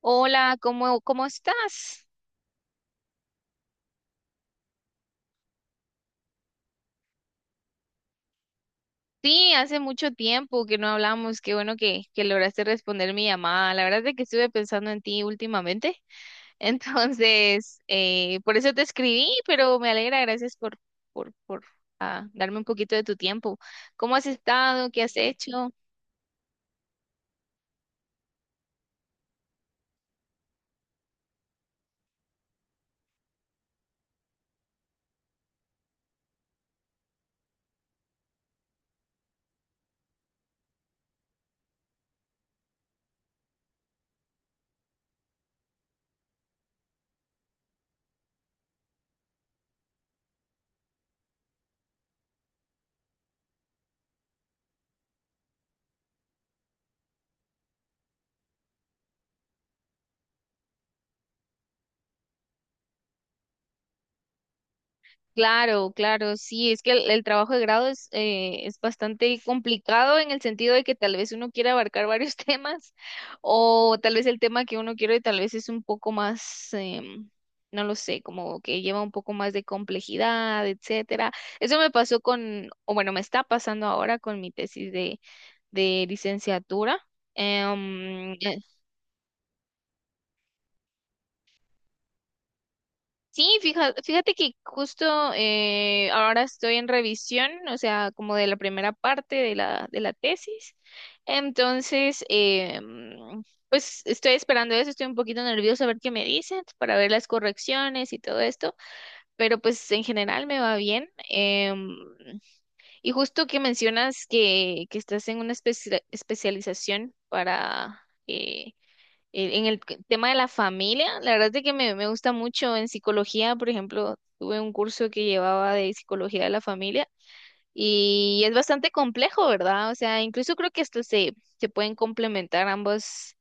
Hola, ¿cómo, cómo estás? Sí, hace mucho tiempo que no hablamos. Qué bueno que lograste responder mi llamada. La verdad es que estuve pensando en ti últimamente. Entonces, por eso te escribí, pero me alegra. Gracias por darme un poquito de tu tiempo. ¿Cómo has estado? ¿Qué has hecho? Claro, claro, sí, es que el trabajo de grado es bastante complicado en el sentido de que tal vez uno quiere abarcar varios temas o tal vez el tema que uno quiere tal vez es un poco más, no lo sé, como que lleva un poco más de complejidad, etcétera. Eso me pasó con, o bueno, me está pasando ahora con mi tesis de licenciatura. Em, Sí, fíjate, fíjate que justo ahora estoy en revisión, o sea, como de la primera parte de la tesis. Entonces, eh, mm, pues estoy esperando eso, estoy un poquito nerviosa a ver qué me dicen para ver las correcciones y todo esto, pero pues en general me va bien. Y justo que mencionas que estás en una especialización para... eh, En el tema de la familia, la verdad es que me gusta mucho en psicología, por ejemplo, tuve un curso que llevaba de psicología de la familia y es bastante complejo, ¿verdad? O sea, incluso creo que esto se, se pueden complementar ambas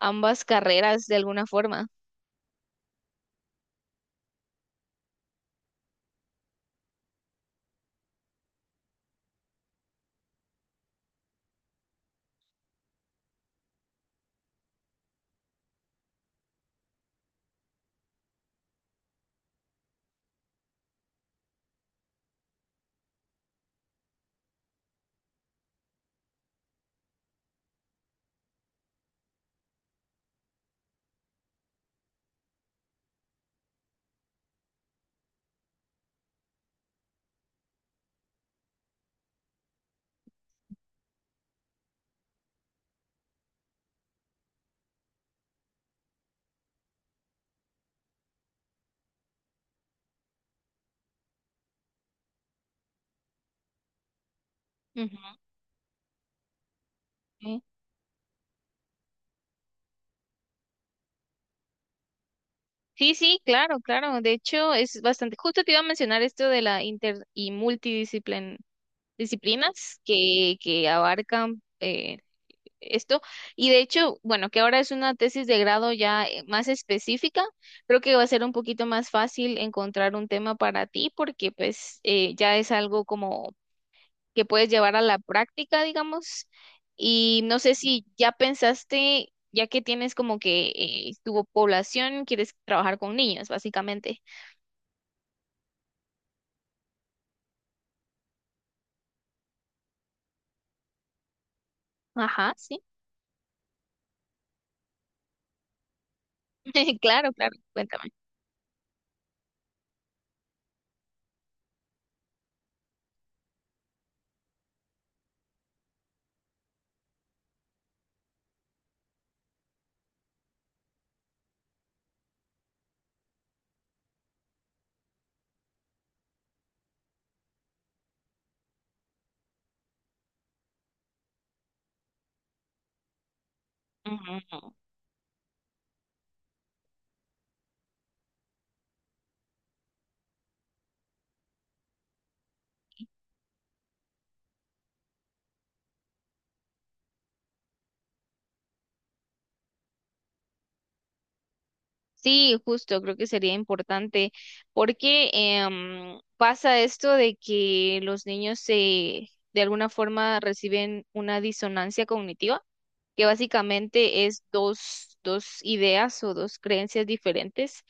ambas carreras de alguna forma. Ujú. Sí, sí, claro, claro. De hecho, es bastante. Justo te iba a mencionar esto de la inter y multidisciplin disciplinas que abarcan esto. Y de hecho, bueno, que ahora es una tesis de grado ya más específica, creo que va a ser un poquito más fácil encontrar un tema para ti porque pues ya es algo como que puedes llevar a la práctica, digamos. Y no sé si ya pensaste, ya que tienes como que tu población, quieres trabajar con niños, básicamente. Ajá, sí. Claro, claro, cuéntame. Sí, justo, creo que sería importante porque pasa esto de que los niños se, de alguna forma reciben una disonancia cognitiva, que básicamente es dos, dos ideas o dos creencias diferentes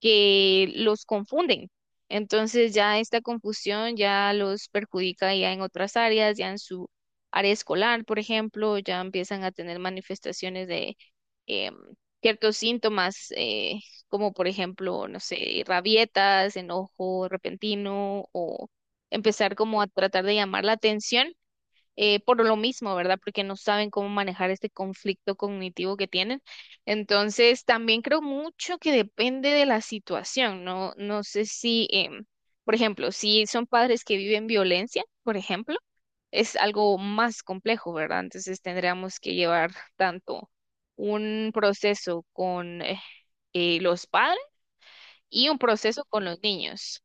que los confunden. Entonces ya esta confusión ya los perjudica ya en otras áreas, ya en su área escolar, por ejemplo, ya empiezan a tener manifestaciones de em, ciertos síntomas, como por ejemplo, no sé, rabietas, enojo repentino o empezar como a tratar de llamar la atención por lo mismo, ¿verdad? Porque no saben cómo manejar este conflicto cognitivo que tienen. Entonces, también creo mucho que depende de la situación, ¿no? No sé si, por ejemplo, si son padres que viven violencia, por ejemplo, es algo más complejo, ¿verdad? Entonces, tendríamos que llevar tanto un proceso con los padres y un proceso con los niños.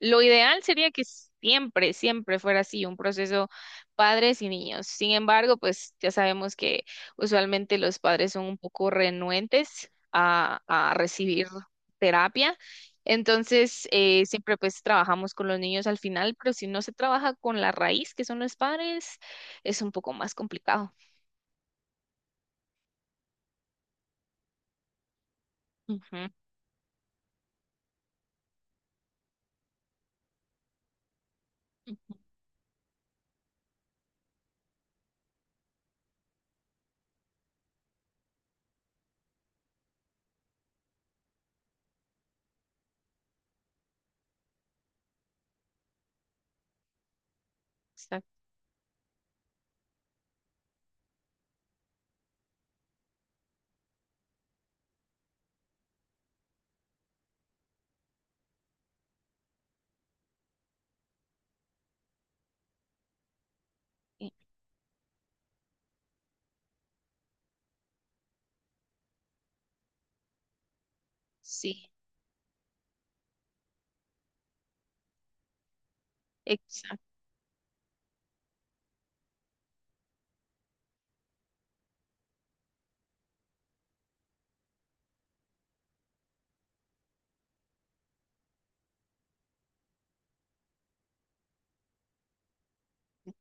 Lo ideal sería que siempre, siempre fuera así, un proceso padres y niños. Sin embargo, pues ya sabemos que usualmente los padres son un poco renuentes a recibir terapia. Entonces, siempre pues trabajamos con los niños al final, pero si no se trabaja con la raíz, que son los padres, es un poco más complicado. Ujú, ujú, exacto. Sí, exacto.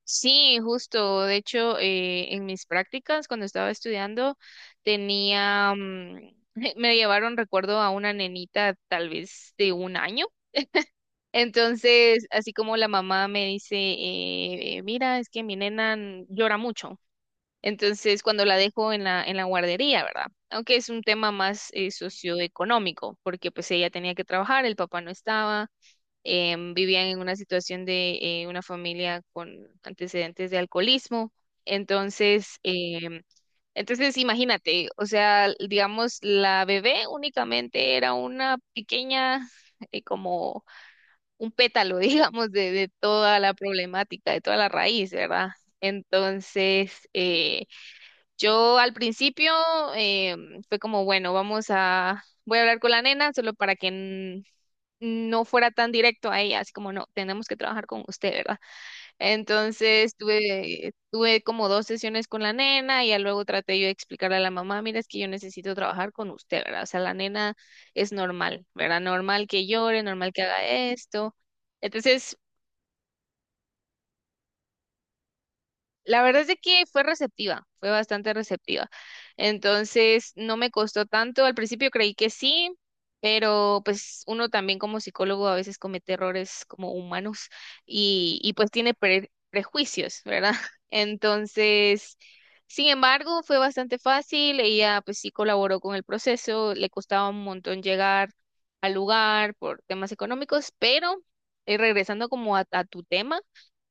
Sí, justo. De hecho, en mis prácticas, cuando estaba estudiando, tenía, mm, me llevaron, recuerdo, a una nenita tal vez de un año. Entonces, así como la mamá me dice, mira, es que mi nena llora mucho. Entonces, cuando la dejo en la guardería, ¿verdad? Aunque es un tema más socioeconómico, porque pues ella tenía que trabajar, el papá no estaba vivían en una situación de una familia con antecedentes de alcoholismo. Entonces, em, entonces imagínate, o sea, digamos, la bebé únicamente era una pequeña, como un pétalo, digamos, de toda la problemática, de toda la raíz, ¿verdad? Entonces, yo al principio fue como, bueno, vamos a, voy a hablar con la nena solo para que no fuera tan directo a ella, así como no, tenemos que trabajar con usted, ¿verdad? Entonces tuve, tuve como dos sesiones con la nena y ya luego traté yo de explicarle a la mamá, mira, es que yo necesito trabajar con usted, ¿verdad? O sea, la nena es normal, ¿verdad? Normal que llore, normal que haga esto. Entonces la verdad es de que fue receptiva, fue bastante receptiva. Entonces, no me costó tanto. Al principio creí que sí, pero pues uno también como psicólogo a veces comete errores como humanos y pues tiene prejuicios, ¿verdad? Entonces, sin embargo, fue bastante fácil. Ella pues sí colaboró con el proceso, le costaba un montón llegar al lugar por temas económicos, pero regresando como a tu tema.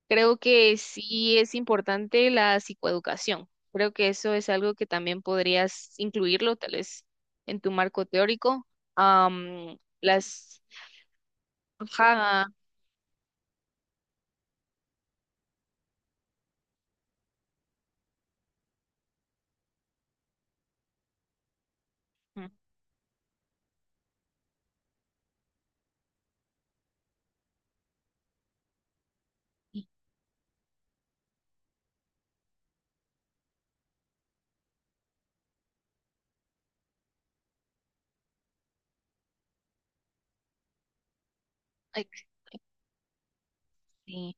Creo que sí es importante la psicoeducación. Creo que eso es algo que también podrías incluirlo, tal vez, en tu marco teórico. Am, las... Ajá. Ujú. Ay, sí.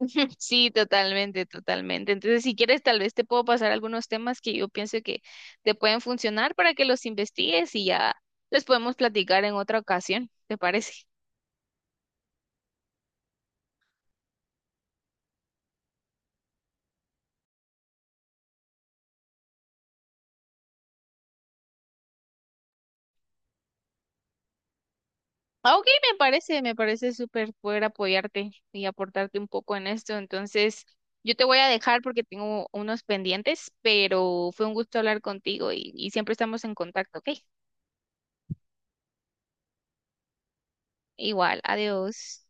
Sí, totalmente, totalmente. Entonces, si quieres, tal vez te puedo pasar algunos temas que yo pienso que te pueden funcionar para que los investigues y ya les podemos platicar en otra ocasión. ¿Te parece? Ah, ok, me parece súper poder apoyarte y aportarte un poco en esto. Entonces, yo te voy a dejar porque tengo unos pendientes, pero fue un gusto hablar contigo y siempre estamos en contacto, ¿ok? Igual, adiós.